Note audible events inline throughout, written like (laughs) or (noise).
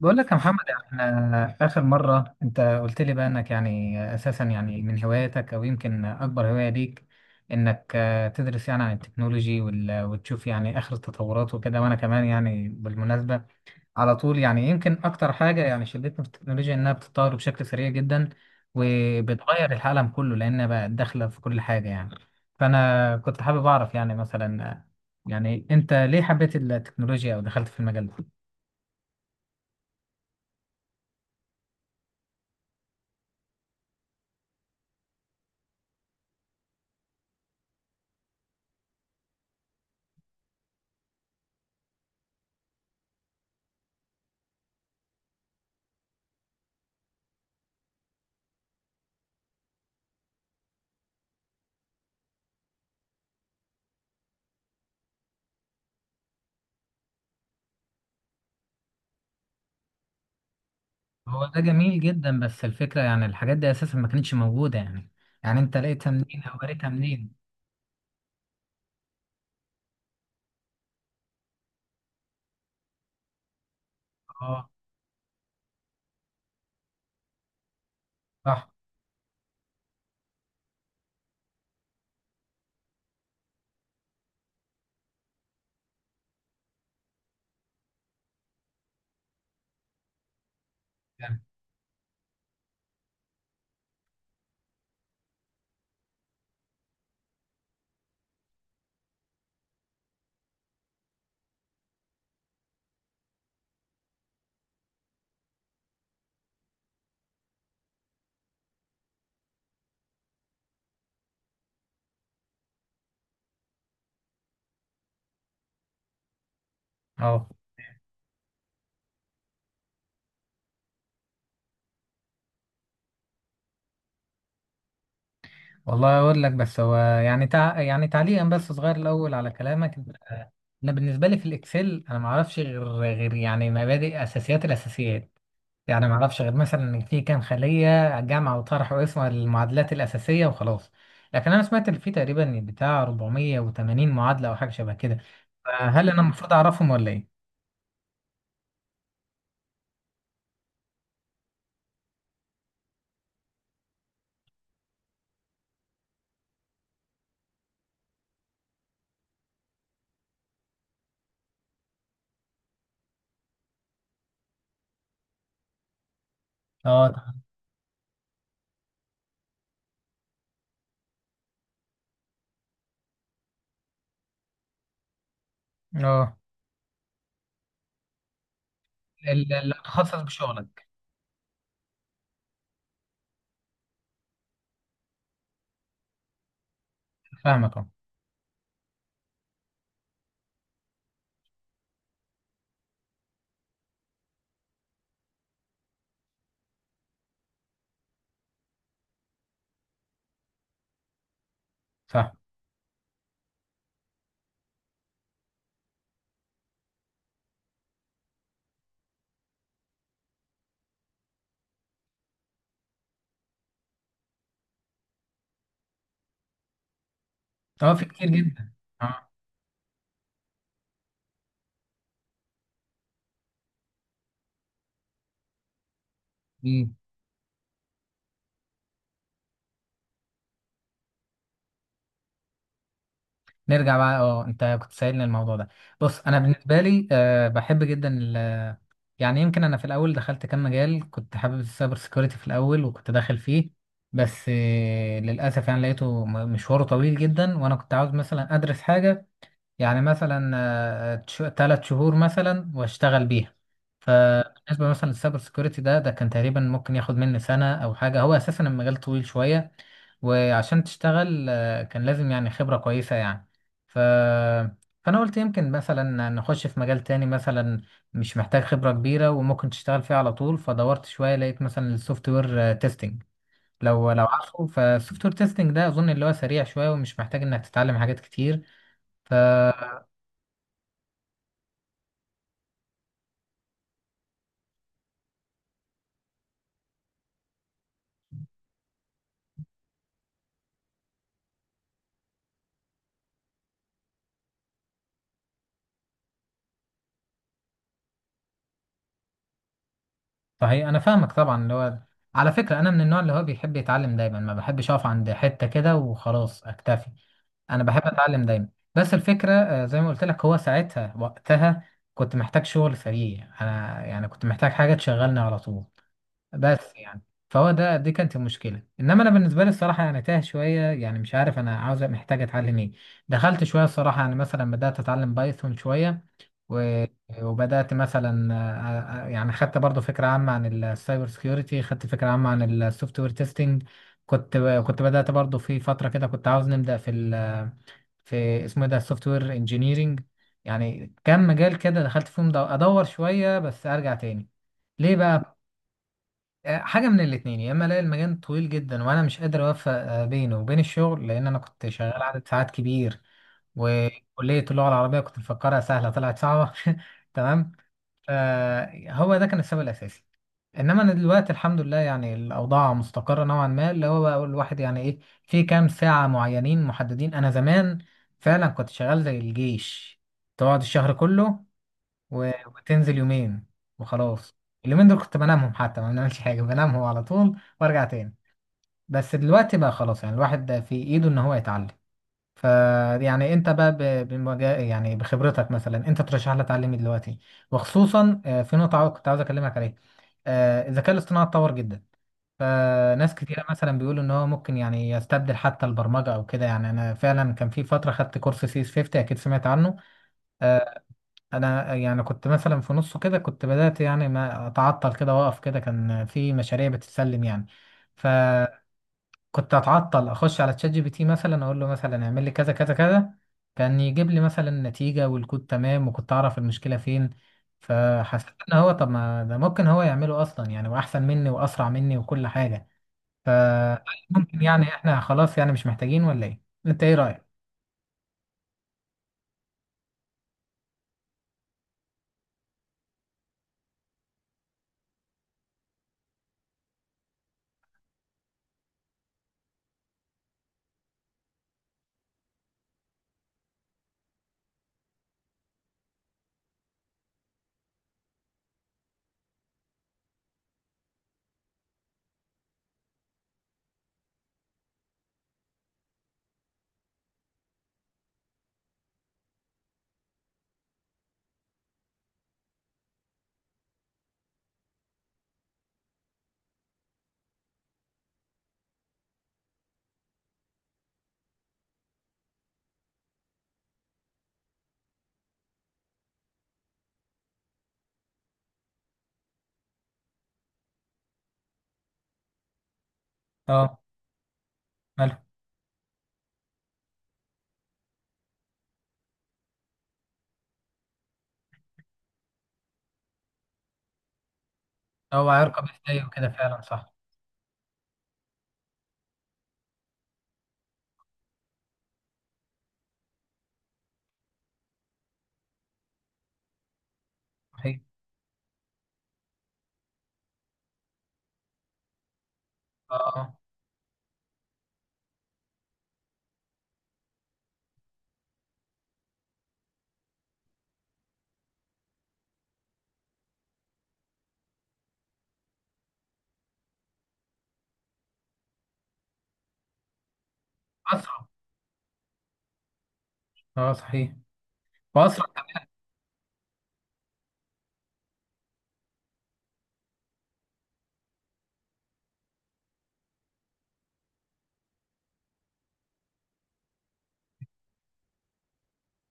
بقول لك يا محمد، احنا آخر مرة انت قلت لي بقى انك يعني اساسا يعني من هواياتك او يمكن اكبر هواية ليك انك تدرس يعني عن التكنولوجي وتشوف يعني اخر التطورات وكده. وانا كمان يعني بالمناسبة على طول، يعني يمكن اكتر حاجة يعني شدتني في التكنولوجيا انها بتتطور بشكل سريع جدا وبتغير العالم كله، لانها بقى داخلة في كل حاجة يعني. فانا كنت حابب اعرف يعني مثلا يعني انت ليه حبيت التكنولوجيا او دخلت في المجال ده؟ هو ده جميل جدا، بس الفكرة يعني الحاجات دي أساسا ما كانتش موجودة يعني أنت لقيتها منين أو قريتها منين؟ أه. صح. فعلا. أه، والله أقول لك. بس هو يعني تعليقا بس صغير الأول على كلامك أنت-. أنا بالنسبة لي في الإكسل أنا ما أعرفش غير يعني مبادئ أساسيات الأساسيات، يعني ما اعرفش غير مثلا ان في كام خليه جمع وطرح واسم المعادلات الاساسيه وخلاص. لكن انا سمعت ان في تقريبا بتاع 480 معادله او حاجه شبه كده. فهل انا المفروض اعرفهم ولا ايه؟ اه اه اللي تخصص بشغلك. فاهمك. اه، فاهم. اه، في كتير جدا. اه. مم. نرجع بقى. اه، انت كنت سائلني الموضوع ده. بص، انا بالنسبه لي أه بحب جدا يعني يمكن انا في الاول دخلت كام مجال. كنت حابب السايبر سيكيورتي في الاول وكنت داخل فيه، بس للاسف يعني لقيته مشواره طويل جدا، وانا كنت عاوز مثلا ادرس حاجه يعني مثلا 3 شهور مثلا واشتغل بيها. فبالنسبة مثلا للسايبر سيكوريتي ده كان تقريبا ممكن ياخد مني سنة أو حاجة. هو أساسا المجال طويل شوية، وعشان تشتغل كان لازم يعني خبرة كويسة يعني. ف... فأنا قلت يمكن مثلا نخش في مجال تاني مثلا مش محتاج خبرة كبيرة وممكن تشتغل فيه على طول. فدورت شوية لقيت مثلا السوفت وير تيستنج. لو عارفه، فالسوفت وير تيستنج ده أظن اللي هو سريع شوية ومش محتاج إنك تتعلم حاجات كتير. صحيح، انا فاهمك طبعا. اللي هو على فكره انا من النوع اللي هو بيحب يتعلم دايما، ما بحبش اقف عند حته كده وخلاص اكتفي. انا بحب اتعلم دايما. بس الفكره زي ما قلت لك، هو ساعتها وقتها كنت محتاج شغل سريع، انا يعني كنت محتاج حاجه تشغلني على طول. بس يعني فهو ده دي كانت المشكله. انما انا بالنسبه لي الصراحه يعني تاه شويه، يعني مش عارف انا عاوز محتاج اتعلم ايه. دخلت شويه الصراحه، يعني مثلا بدات اتعلم بايثون شويه و- وبدات مثلا يعني خدت برضو فكره عامه عن السايبر سكيورتي، خدت فكره عامه عن السوفت وير تيستنج. كنت كنت بدات برضو في فتره كده، كنت عاوز نبدا في اسمه إيه ده السوفت وير انجينيرنج. يعني كام مجال كده دخلت فيهم ادور شويه بس ارجع تاني. ليه بقى؟ حاجة من الاتنين، يا إما ألاقي المجال طويل جدا وأنا مش قادر أوفق بينه وبين الشغل لأن أنا كنت شغال عدد ساعات كبير وكلية اللغة العربية كنت مفكرها سهلة طلعت صعبة (laughs) تمام. فهو ده كان السبب الأساسي. إنما أنا دلوقتي الحمد لله يعني الأوضاع مستقرة نوعا ما، اللي هو بقى الواحد يعني إيه، في كام ساعة معينين محددين. أنا زمان فعلا كنت شغال زي الجيش، تقعد الشهر كله و- وتنزل يومين وخلاص. اليومين دول كنت بنامهم، حتى ما بنعملش حاجة، بنامهم على طول وارجع تاني. بس دلوقتي بقى خلاص، يعني الواحد ده في ايده ان هو يتعلم. ف يعني انت بقى ب- بمجا... يعني بخبرتك مثلا انت ترشح لي اتعلم إيه دلوقتي؟ وخصوصا في نقطة كنت عاوز اكلمك عليها. الذكاء الاصطناعي اتطور جدا، فناس كتيرة مثلا بيقولوا ان هو ممكن يعني يستبدل حتى البرمجة او كده. يعني انا فعلا كان في فترة خدت كورس سي اس 50، اكيد سمعت عنه. آه، انا يعني كنت مثلا في نصه كده كنت بدأت. يعني ما اتعطل كده واقف كده، كان في مشاريع بتتسلم يعني. فكنت اتعطل اخش على تشات جي بي تي مثلا، اقول له مثلا اعمل لي كذا كذا كذا. كان يجيب لي مثلا نتيجة والكود تمام، وكنت اعرف المشكلة فين. فحسيت ان هو طب ما ده ممكن هو يعمله اصلا يعني، واحسن مني واسرع مني وكل حاجة. فممكن يعني احنا خلاص يعني مش محتاجين، ولا ايه؟ انت ايه رأيك؟ اه، ماله. هو هيركب ازاي وكده، فعلا صح. صحيح. اه. آه. اسرع. اه صحيح، واسرع.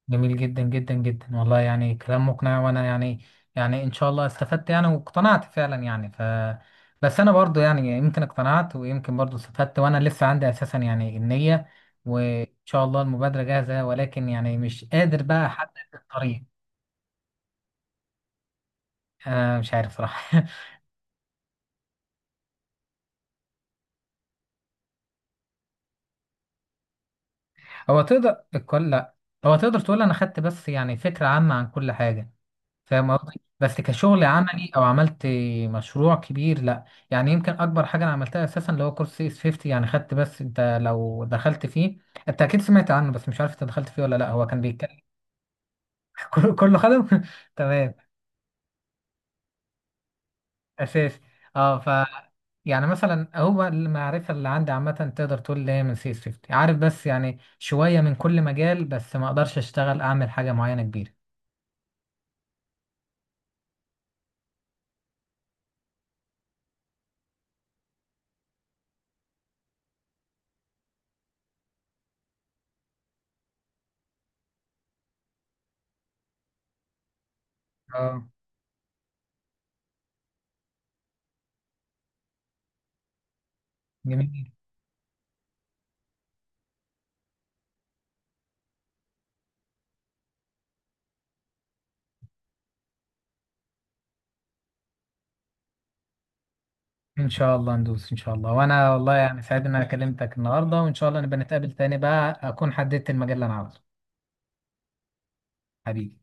جميل جدا جدا جدا، والله يعني كلام مقنع. وانا يعني ان شاء الله استفدت يعني واقتنعت فعلا يعني. بس انا برضو يعني يمكن اقتنعت ويمكن برضو استفدت، وانا لسه عندي اساسا يعني النية، وان شاء الله المبادرة جاهزة، ولكن يعني مش قادر بقى احدد الطريق. انا مش عارف صراحة. (laughs) هو تقدر الكل، لا. هو تقدر تقول انا خدت بس يعني فكرة عامة عن كل حاجة، فاهم قصدي؟ بس كشغل عملي او عملت مشروع كبير، لا. يعني يمكن اكبر حاجه انا عملتها اساسا اللي هو كورس سي اس 50. يعني خدت بس. انت لو دخلت فيه، انت اكيد سمعت عنه، بس مش عارف انت دخلت فيه ولا لا. هو كان بيتكلم (laughs) كله كله خدم (laughs) تمام. اساسي. اه يعني مثلا هو المعرفه اللي عندي عامه، تقدر تقول اللي هي من سي اس 50، عارف؟ بس يعني شويه من كل مجال، بس ما اقدرش اشتغل اعمل حاجه معينه كبيره. اه. جميل. ان شاء الله ندوس ان شاء الله. وانا والله يعني سعيد ان انا كلمتك النهارده، وان شاء الله نبقى نتقابل تاني بقى اكون حددت المجال اللي انا عاوزه. حبيبي.